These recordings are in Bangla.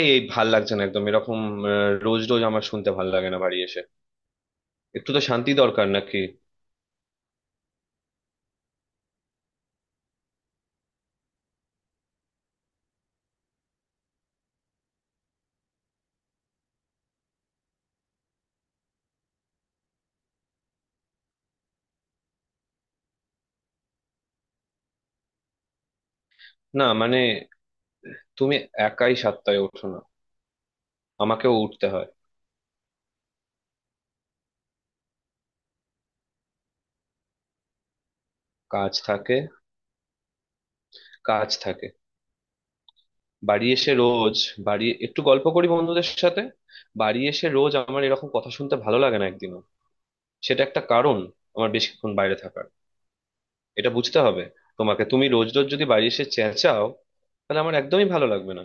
এই এই ভাল লাগছে না একদম এরকম। আহ, রোজ রোজ আমার শুনতে ভাল লাগে না বাড়ি এসে। একটু তো শান্তি দরকার নাকি? না মানে, তুমি একাই 7টায় ওঠো না, আমাকেও উঠতে হয়। কাজ থাকে, কাজ থাকে। বাড়ি এসে রোজ বাড়ি একটু গল্প করি বন্ধুদের সাথে। বাড়ি এসে রোজ আমার এরকম কথা শুনতে ভালো লাগে না একদিনও। সেটা একটা কারণ আমার বেশিক্ষণ বাইরে থাকার। এটা বুঝতে হবে তোমাকে, তুমি রোজ রোজ যদি বাড়ি এসে চেঁচাও তাহলে আমার একদমই ভালো লাগবে না।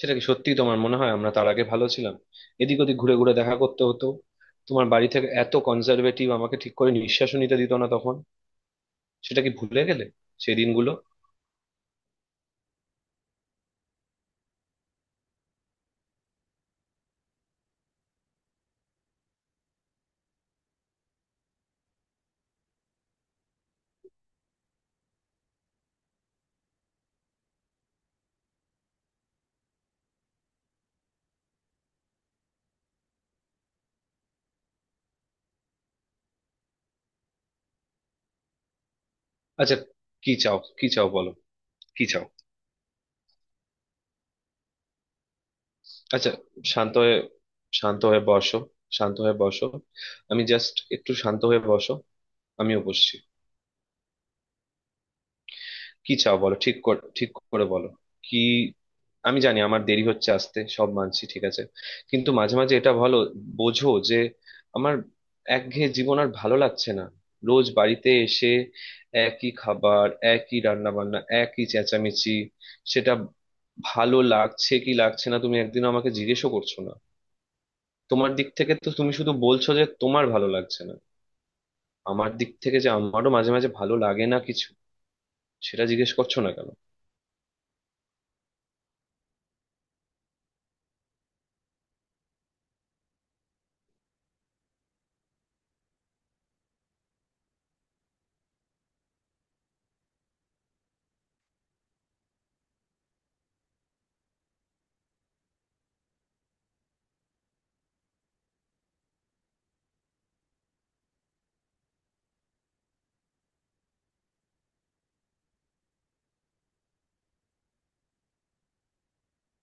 সেটা কি সত্যি তোমার মনে হয় আমরা তার আগে ভালো ছিলাম? এদিক ওদিক ঘুরে ঘুরে দেখা করতে হতো, তোমার বাড়ি থেকে এত কনজারভেটিভ আমাকে ঠিক করে নিঃশ্বাসও নিতে দিত না তখন। সেটা কি ভুলে গেলে সেই দিনগুলো? আচ্ছা, কি চাও? কি চাও বলো? কি চাও? আচ্ছা, শান্ত হয়ে, শান্ত হয়ে বসো, শান্ত হয়ে বসো, আমি জাস্ট একটু শান্ত হয়ে বসো, আমিও বসছি। কি চাও বলো, ঠিক করে ঠিক করে বলো। কি, আমি জানি আমার দেরি হচ্ছে আসতে, সব মানছি, ঠিক আছে। কিন্তু মাঝে মাঝে এটা ভালো, বোঝো যে আমার একঘেয়ে জীবন আর ভালো লাগছে না। রোজ বাড়িতে এসে একই খাবার, একই রান্না বান্না, একই চেঁচামেচি, সেটা ভালো লাগছে কি লাগছে না তুমি একদিন আমাকে জিজ্ঞেসও করছো না। তোমার দিক থেকে তো তুমি শুধু বলছো যে তোমার ভালো লাগছে না, আমার দিক থেকে যে আমারও মাঝে মাঝে ভালো লাগে না কিছু, সেটা জিজ্ঞেস করছো না কেন?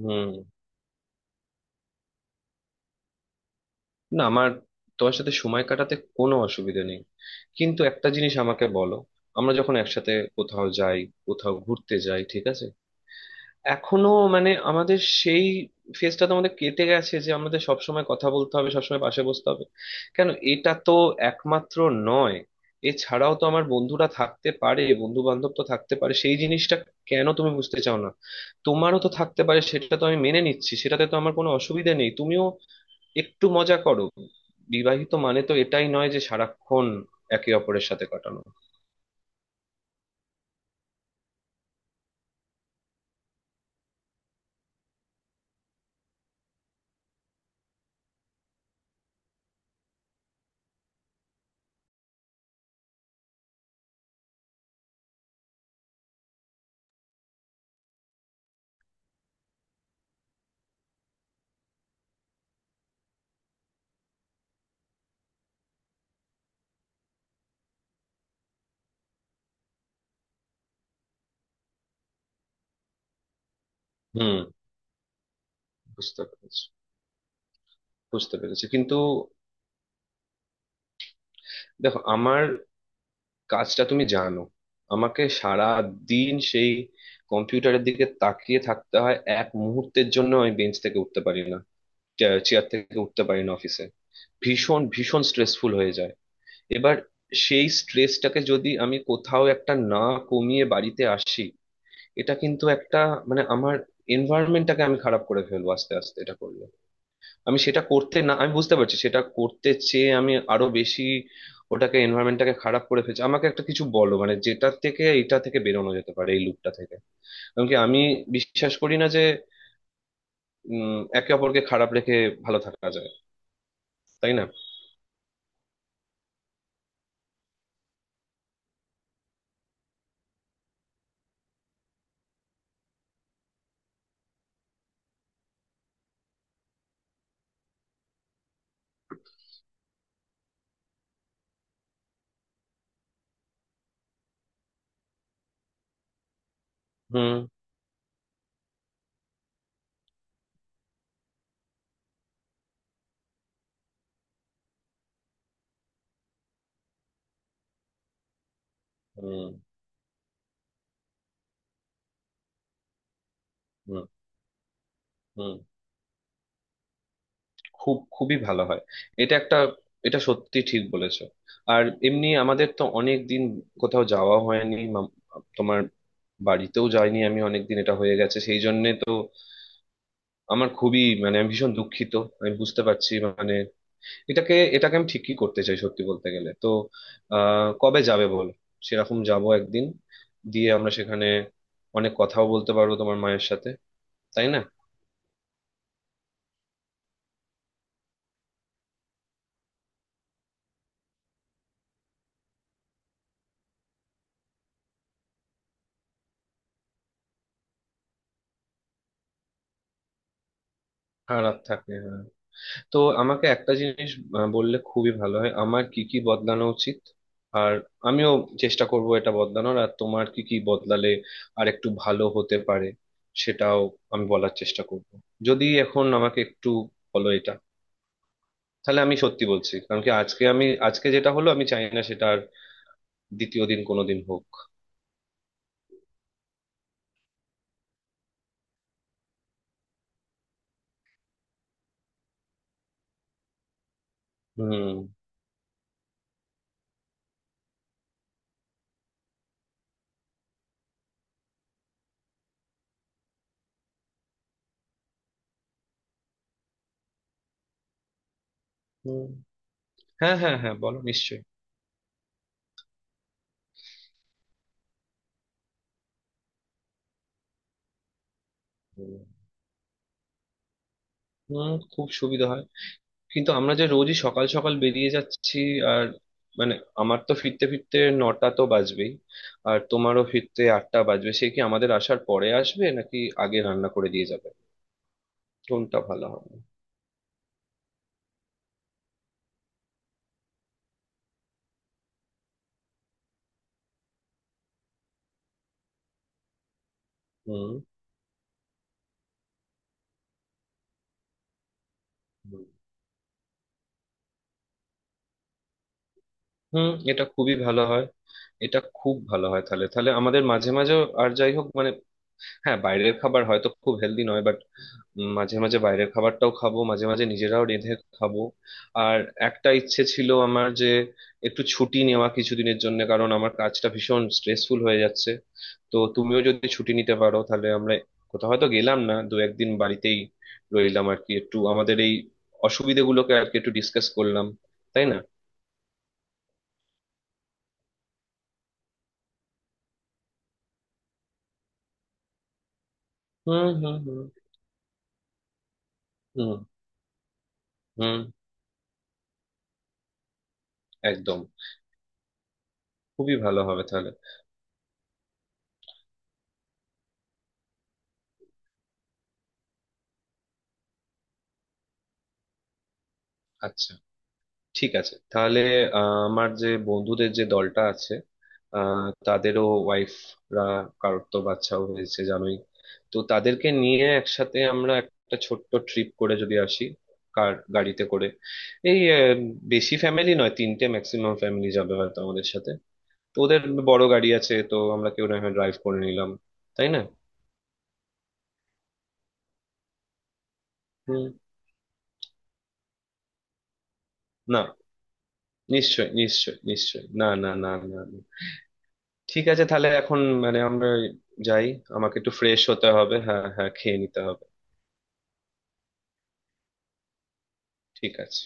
হুম। না আমার, তোমার সাথে সময় কাটাতে কোনো অসুবিধা নেই। কিন্তু একটা জিনিস আমাকে বলো, আমরা যখন একসাথে কোথাও যাই, কোথাও ঘুরতে যাই, ঠিক আছে, এখনো মানে আমাদের সেই ফেজটা তো আমাদের কেটে গেছে যে আমাদের সবসময় কথা বলতে হবে, সবসময় পাশে বসতে হবে। কেন এটা তো একমাত্র নয়, এছাড়াও তো আমার বন্ধুরা থাকতে পারে, বন্ধু বান্ধব তো থাকতে পারে, সেই জিনিসটা কেন তুমি বুঝতে চাও না? তোমারও তো থাকতে পারে, সেটা তো আমি মেনে নিচ্ছি, সেটাতে তো আমার কোনো অসুবিধা নেই, তুমিও একটু মজা করো। বিবাহিত মানে তো এটাই নয় যে সারাক্ষণ একে অপরের সাথে কাটানো। হুম, বুঝতে পেরেছি। বুঝতে পেরেছি কিন্তু, দেখো আমার কাজটা তুমি জানো, আমাকে সারা দিন সেই কম্পিউটারের দিকে তাকিয়ে থাকতে হয়, এক মুহূর্তের জন্য আমি বেঞ্চ থেকে উঠতে পারি না, চেয়ার থেকে উঠতে পারি না অফিসে। ভীষণ ভীষণ স্ট্রেসফুল হয়ে যায়। এবার সেই স্ট্রেসটাকে যদি আমি কোথাও একটা না কমিয়ে বাড়িতে আসি, এটা কিন্তু একটা মানে আমার এনভায়রনমেন্টটাকে আমি খারাপ করে ফেলবো আস্তে আস্তে এটা করলে। আমি সেটা করতে, না আমি বুঝতে পারছি সেটা করতে চেয়ে আমি আরো বেশি ওটাকে এনভায়রনমেন্টটাকে খারাপ করে ফেলছি। আমাকে একটা কিছু বলো মানে যেটা থেকে এটা থেকে বেরোনো যেতে পারে, এই লুপটা থেকে। কারণ কি আমি বিশ্বাস করি না যে একে অপরকে খারাপ রেখে ভালো থাকা যায়। তাই না? হুম। হুম। হুম। হুম, খুব খুবই ভালো হয়। এটা একটা, এটা সত্যি ঠিক বলেছো। আর এমনি আমাদের তো অনেক দিন কোথাও যাওয়া হয়নি, তোমার বাড়িতেও যাইনি আমি অনেকদিন, এটা হয়ে গেছে সেই জন্য তো আমার খুবই মানে আমি ভীষণ দুঃখিত। আমি বুঝতে পারছি মানে, এটাকে এটাকে আমি ঠিকই করতে চাই সত্যি বলতে গেলে তো। কবে যাবে বল, সেরকম যাব একদিন, দিয়ে আমরা সেখানে অনেক কথাও বলতে পারবো তোমার মায়ের সাথে। তাই না? সারা রাত থাকে। তো আমাকে একটা জিনিস বললে খুবই ভালো হয় আমার কি কি বদলানো উচিত। আর আমিও চেষ্টা করব এটা বদলানোর। আর তোমার কি কি বদলালে আর একটু ভালো হতে পারে, সেটাও আমি বলার চেষ্টা করব। যদি এখন আমাকে একটু বলো এটা, তাহলে আমি সত্যি বলছি কারণ কি আজকে, আমি আজকে যেটা হলো আমি চাই না সেটা আর দ্বিতীয় দিন কোনোদিন হোক। হুম। হুম, হ্যাঁ হ্যাঁ হ্যাঁ বলো নিশ্চয়ই। হুম, হুম, খুব সুবিধা হয়। কিন্তু আমরা যে রোজই সকাল সকাল বেরিয়ে যাচ্ছি, আর মানে আমার তো ফিরতে ফিরতে 9টা তো বাজবেই, আর তোমারও ফিরতে 8টা বাজবে, সে কি আমাদের আসার পরে আসবে নাকি আগে রান্না করে দিয়ে যাবে? কোনটা ভালো হবে? হুম। হুম, হুম, এটা খুবই ভালো হয়। এটা খুব ভালো হয় তাহলে, তাহলে আমাদের মাঝে মাঝে, আর যাই হোক মানে, হ্যাঁ বাইরের খাবার হয়তো খুব হেলদি নয় বাট মাঝে মাঝে বাইরের খাবারটাও খাবো, মাঝে মাঝে নিজেরাও রেঁধে খাবো। আর একটা ইচ্ছে ছিল আমার যে একটু ছুটি নেওয়া কিছুদিনের জন্য, কারণ আমার কাজটা ভীষণ স্ট্রেসফুল হয়ে যাচ্ছে। তো তুমিও যদি ছুটি নিতে পারো তাহলে আমরা কোথাও হয়তো গেলাম না, দু একদিন বাড়িতেই রইলাম আর কি, একটু আমাদের এই অসুবিধেগুলোকে আর কি একটু ডিসকাস করলাম। তাই না? হুম। হুম। হুম। হুম। হুম। একদম, খুবই ভালো হবে তাহলে। আচ্ছা, ঠিক আছে তাহলে। আমার যে বন্ধুদের যে দলটা আছে, আহ, তাদেরও ওয়াইফরা, কারোর তো বাচ্চাও হয়েছে জানোই। তো তাদেরকে নিয়ে একসাথে আমরা একটা ছোট্ট ট্রিপ করে যদি আসি কার গাড়িতে করে, এই বেশি ফ্যামিলি নয়, তিনটে ম্যাক্সিমাম ফ্যামিলি যাবে হয়তো আমাদের সাথে। তো ওদের বড় গাড়ি আছে, তো আমরা কেউ না হয় ড্রাইভ করে নিলাম। তাই না? হুম। না, নিশ্চয় নিশ্চয় নিশ্চয়, না না না না না। ঠিক আছে তাহলে এখন মানে আমরা যাই, আমাকে একটু ফ্রেশ হতে হবে। হ্যাঁ হ্যাঁ, খেয়ে নিতে হবে। ঠিক আছে।